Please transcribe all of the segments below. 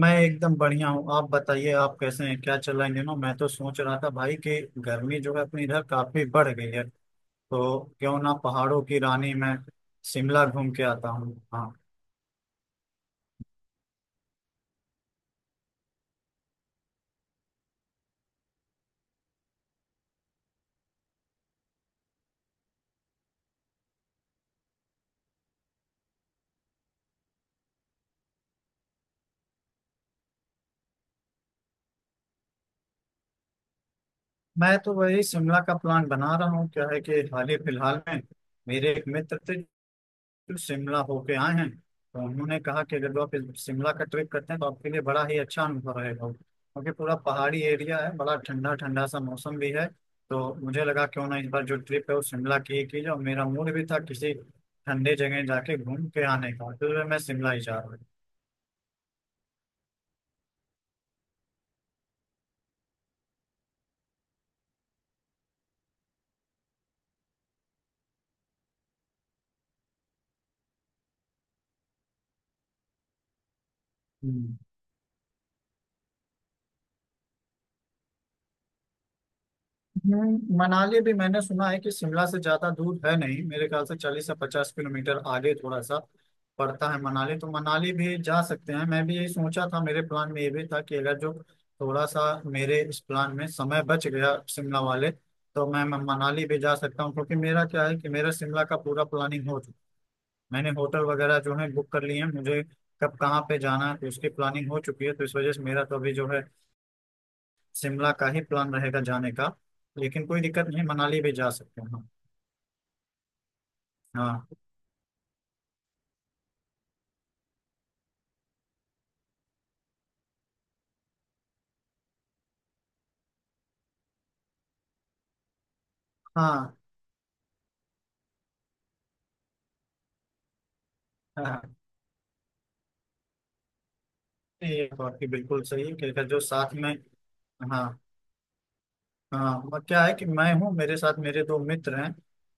मैं एकदम बढ़िया हूँ। आप बताइए, आप कैसे हैं? क्या चल रहा है इन दिनों? मैं तो सोच रहा था भाई कि गर्मी जो है अपने इधर काफी बढ़ गई है, तो क्यों ना पहाड़ों की रानी में शिमला घूम के आता हूँ। हाँ, मैं तो वही शिमला का प्लान बना रहा हूँ। क्या है कि हाल ही फिलहाल में मेरे एक मित्र थे, फिर शिमला होके आए हैं। तो उन्होंने कहा कि अगर आप इस शिमला का ट्रिप करते हैं तो आपके लिए बड़ा ही अच्छा अनुभव रहेगा, क्योंकि पूरा पहाड़ी एरिया है, बड़ा ठंडा ठंडा सा मौसम भी है। तो मुझे लगा क्यों ना इस बार जो ट्रिप है वो शिमला की ही की जाए, और मेरा मूड भी था किसी ठंडे जगह जाके घूम के आने का, तो मैं शिमला ही जा रहा हूँ। हम्म। मनाली भी मैंने सुना है कि शिमला से ज्यादा दूर है नहीं, मेरे ख्याल से 40 से 50 किलोमीटर आगे थोड़ा सा पड़ता है मनाली। तो मनाली भी जा सकते हैं, मैं भी यही सोचा था। मेरे प्लान में ये भी था कि अगर जो थोड़ा सा मेरे इस प्लान में समय बच गया शिमला वाले, तो मैं मनाली भी जा सकता हूँ, क्योंकि मेरा क्या है कि मेरा शिमला का पूरा प्लानिंग हो चुका, मैंने होटल वगैरह जो है बुक कर लिए हैं, मुझे कब कहाँ पे जाना है तो उसकी प्लानिंग हो चुकी है। तो इस वजह से मेरा तो अभी जो है शिमला का ही प्लान रहेगा जाने का। लेकिन कोई दिक्कत नहीं, मनाली भी जा सकते हैं हम। हाँ, हाँ, हाँ, ये तो आपकी बिल्कुल सही है कि जो साथ में। हाँ, हाँ, वह क्या है कि मैं हूँ, मेरे साथ मेरे दो मित्र हैं,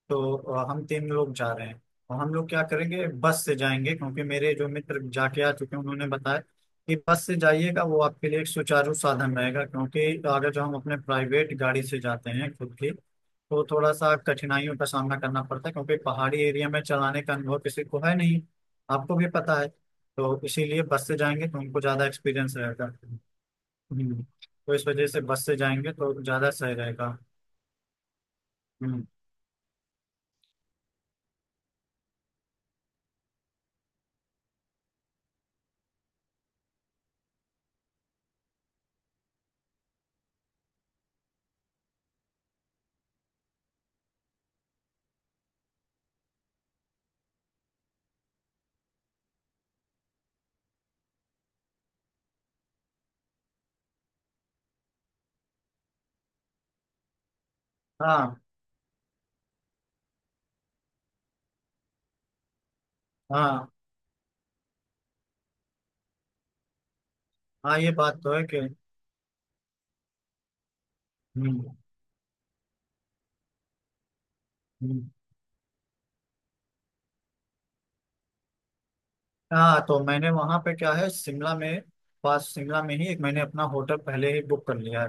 तो हम तीन लोग जा रहे हैं। और हम लोग क्या करेंगे, बस से जाएंगे, क्योंकि मेरे जो मित्र जाके आ चुके हैं उन्होंने बताया कि बस से जाइएगा, वो आपके लिए एक सुचारू साधन रहेगा। क्योंकि अगर जो हम अपने प्राइवेट गाड़ी से जाते हैं खुद की तो थोड़ा सा कठिनाइयों का सामना करना पड़ता है, क्योंकि पहाड़ी एरिया में चलाने का अनुभव किसी को है नहीं, आपको भी पता है, तो इसीलिए बस से जाएंगे तो उनको ज़्यादा एक्सपीरियंस रहेगा। हम्म, तो इस वजह से बस से जाएंगे तो ज्यादा सही रहेगा। हम्म, हाँ, हाँ, हाँ, ये बात तो है कि। हम्म, हम्म, हाँ, तो मैंने वहाँ पे क्या है शिमला में पास शिमला में ही एक मैंने अपना होटल पहले ही बुक कर लिया है।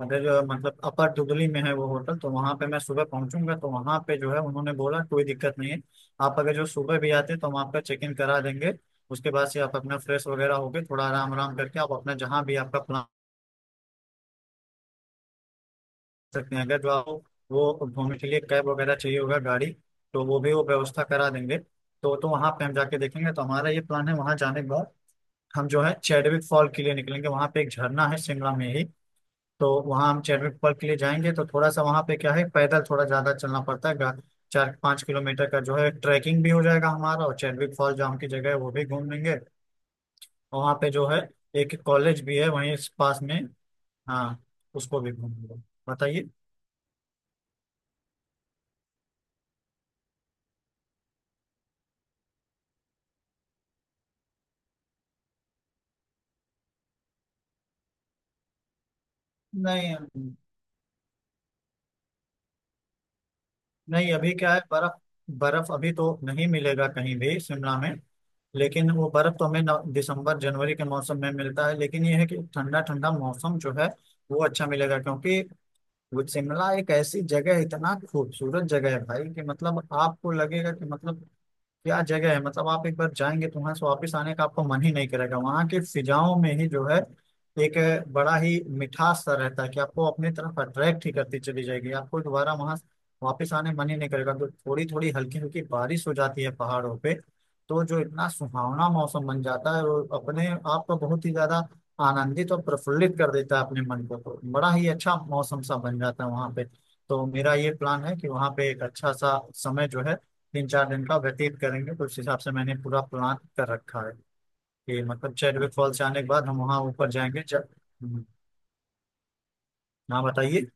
अगर मतलब अपर दुगली में है वो होटल, तो वहाँ पे मैं सुबह पहुंचूंगा, तो वहाँ पे जो है उन्होंने बोला कोई दिक्कत नहीं है, आप अगर जो सुबह भी आते तो हम आपका चेक इन करा देंगे। उसके बाद से आप अपना फ्रेश वगैरह होके थोड़ा आराम आराम करके आप अपना जहाँ भी आपका सकते हैं। अगर जो आपको वो घूमने के लिए कैब वगैरह चाहिए होगा गाड़ी, तो वो भी वो व्यवस्था करा देंगे। तो वहाँ पे हम जाके देखेंगे। तो हमारा ये प्लान है, वहाँ जाने के बाद हम जो है चैडविक फॉल के लिए निकलेंगे, वहाँ पे एक झरना है शिमला में ही। तो वहाँ हम चैडविक फॉल के लिए जाएंगे। तो थोड़ा सा वहाँ पे क्या है, पैदल थोड़ा ज्यादा चलना पड़ता है, 4-5 किलोमीटर का जो है ट्रैकिंग भी हो जाएगा हमारा। और चैडविक फॉल जाम की जगह है, वो भी घूम लेंगे। और वहाँ पे जो है एक कॉलेज भी है वहीं इस पास में। हाँ, उसको भी घूम लेंगे। बताइए। नहीं, नहीं, अभी क्या है बर्फ, बर्फ अभी तो नहीं मिलेगा कहीं भी शिमला में। लेकिन वो बर्फ तो हमें दिसंबर जनवरी के मौसम में मिलता है। लेकिन ये है कि ठंडा ठंडा मौसम जो है वो अच्छा मिलेगा, क्योंकि वो शिमला एक ऐसी जगह है, इतना खूबसूरत जगह है भाई कि मतलब आपको लगेगा कि मतलब क्या जगह है। मतलब आप एक बार जाएंगे तो वहां से वापस आने का आपको मन ही नहीं करेगा, वहां की फिजाओं में ही जो है एक बड़ा ही मिठास सा रहता है कि आपको अपनी तरफ अट्रैक्ट ही करती चली जाएगी, आपको दोबारा वहां वापस आने मन ही नहीं करेगा। तो थोड़ी थोड़ी हल्की हल्की बारिश हो जाती है पहाड़ों पे, तो जो इतना सुहावना मौसम बन जाता है वो अपने आप को बहुत ही ज्यादा आनंदित और प्रफुल्लित कर देता है अपने मन को, तो बड़ा ही अच्छा मौसम सा बन जाता है वहां पे। तो मेरा ये प्लान है कि वहां पे एक अच्छा सा समय जो है 3-4 दिन का व्यतीत करेंगे। तो उस हिसाब से मैंने पूरा प्लान कर रखा है कि मतलब चैडविक फॉल्स जाने के बाद हम वहाँ ऊपर जाएंगे जब। हम्म, हाँ, बताइए।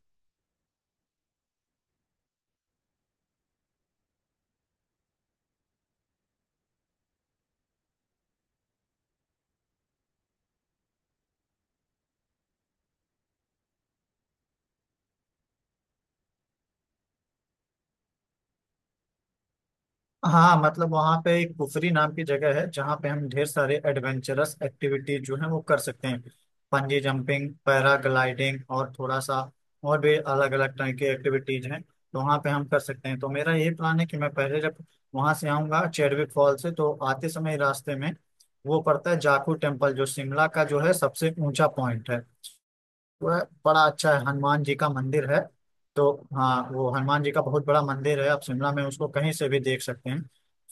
हाँ, मतलब वहाँ पे एक कुफरी नाम की जगह है जहाँ पे हम ढेर सारे एडवेंचरस एक्टिविटी जो है वो कर सकते हैं, पंजी जंपिंग, पैराग्लाइडिंग और थोड़ा सा और भी अलग अलग तरह की एक्टिविटीज हैं, तो वहाँ पे हम कर सकते हैं। तो मेरा यही प्लान है कि मैं पहले जब वहाँ से आऊँगा चेडविक फॉल से तो आते समय रास्ते में वो पड़ता है जाखू टेम्पल, जो शिमला का जो है सबसे ऊंचा पॉइंट है। वह बड़ा अच्छा है, हनुमान जी का मंदिर है तो। हाँ, वो हनुमान जी का बहुत बड़ा मंदिर है, आप शिमला में उसको कहीं से भी देख सकते हैं,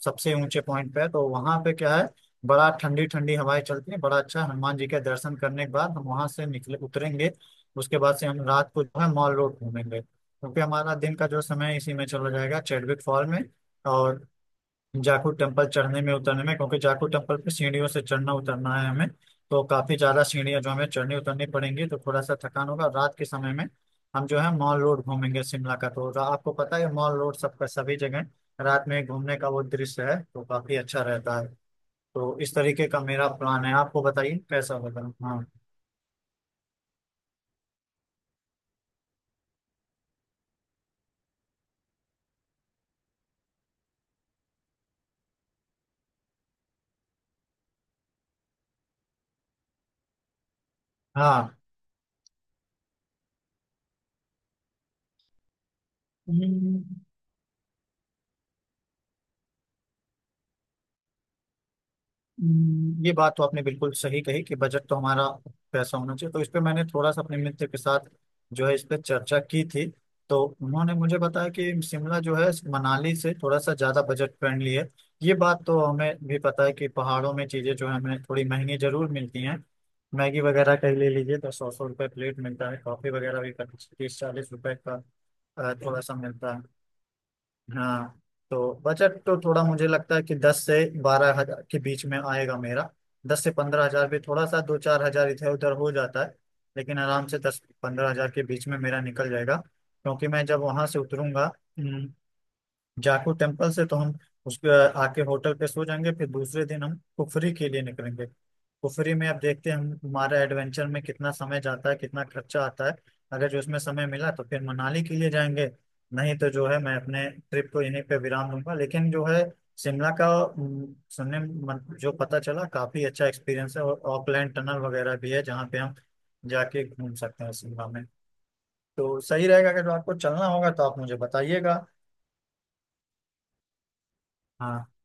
सबसे ऊंचे पॉइंट पे है। तो वहाँ पे क्या है, बड़ा ठंडी ठंडी हवाएं चलती है, बड़ा अच्छा है। हनुमान जी के दर्शन करने के बाद हम वहाँ से निकले उतरेंगे, उसके बाद से हम रात को जो है मॉल रोड घूमेंगे, क्योंकि हमारा दिन का जो समय है, इसी में चला जाएगा चैडविक फॉल में और जाखू टेम्पल चढ़ने में उतरने में, क्योंकि जाखू टेम्पल पे सीढ़ियों से चढ़ना उतरना है हमें, तो काफी ज्यादा सीढ़ियां जो हमें चढ़नी उतरनी पड़ेंगी, तो थोड़ा सा थकान होगा। रात के समय में हम जो है मॉल रोड घूमेंगे शिमला का, तो आपको पता है मॉल रोड सबका सभी जगह रात में घूमने का वो दृश्य है, तो काफी अच्छा रहता है। तो इस तरीके का मेरा प्लान है, आपको बताइए कैसा होगा। हाँ, हाँ, ये बात तो आपने बिल्कुल सही कही कि बजट तो हमारा पैसा होना चाहिए, तो इस पे मैंने थोड़ा सा अपने मित्र के साथ जो है इस पे चर्चा की थी। तो उन्होंने मुझे बताया कि शिमला जो है मनाली से थोड़ा सा ज़्यादा बजट फ्रेंडली है। ये बात तो हमें भी पता है कि पहाड़ों में चीज़ें जो है हमें थोड़ी महंगी जरूर मिलती हैं। मैगी वगैरह का ही ले लीजिए तो 100-100 रुपये प्लेट मिलता है, कॉफ़ी वगैरह भी 30-40 रुपए का थोड़ा सा मिलता है। हाँ, तो बजट तो थोड़ा मुझे लगता है कि 10 से 12 हजार के बीच में आएगा मेरा, 10 से 15 हजार भी, थोड़ा सा 2-4 हजार इधर उधर हो जाता है। लेकिन आराम से 10-15 हजार के बीच में मेरा निकल जाएगा, क्योंकि मैं जब वहां से उतरूंगा जाखू टेम्पल से तो हम उसके आके होटल पे सो जाएंगे। फिर दूसरे दिन हम कुफरी के लिए निकलेंगे, कुफरी में अब देखते हैं हम हमारा एडवेंचर में कितना समय जाता है, कितना खर्चा आता है। अगर जो उसमें समय मिला तो फिर मनाली के लिए जाएंगे, नहीं तो जो है मैं अपने ट्रिप को यहीं पे विराम दूंगा। लेकिन जो है शिमला का सुनने जो पता चला काफी अच्छा एक्सपीरियंस है, और ऑकलैंड टनल वगैरह भी है जहाँ पे हम जाके घूम सकते हैं शिमला में। तो सही रहेगा, अगर जो आपको चलना होगा तो आप मुझे बताइएगा। हाँ।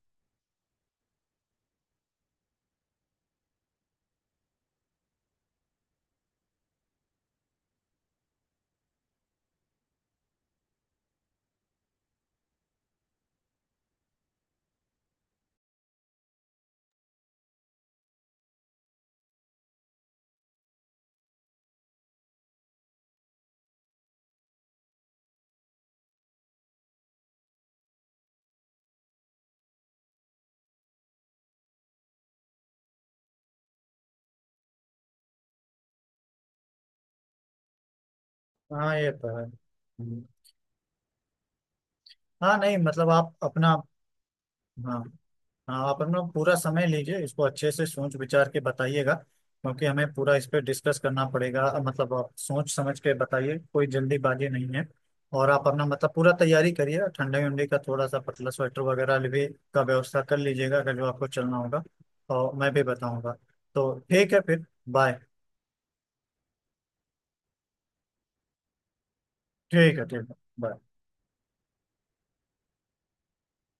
हाँ, ये तो है। हम्म। हाँ, नहीं, मतलब आप अपना, हाँ, हाँ, आप अपना पूरा समय लीजिए, इसको अच्छे से सोच विचार के बताइएगा, क्योंकि हमें पूरा इस पे डिस्कस करना पड़ेगा, मतलब आप सोच समझ के बताइए, कोई जल्दीबाजी नहीं है। और आप अपना मतलब पूरा तैयारी करिए, ठंडे उंडे का थोड़ा सा पतला स्वेटर वगैरह भी का व्यवस्था कर लीजिएगा अगर जो आपको चलना होगा, और मैं भी बताऊंगा। तो ठीक है, फिर बाय। ठीक है, ठीक है। bye।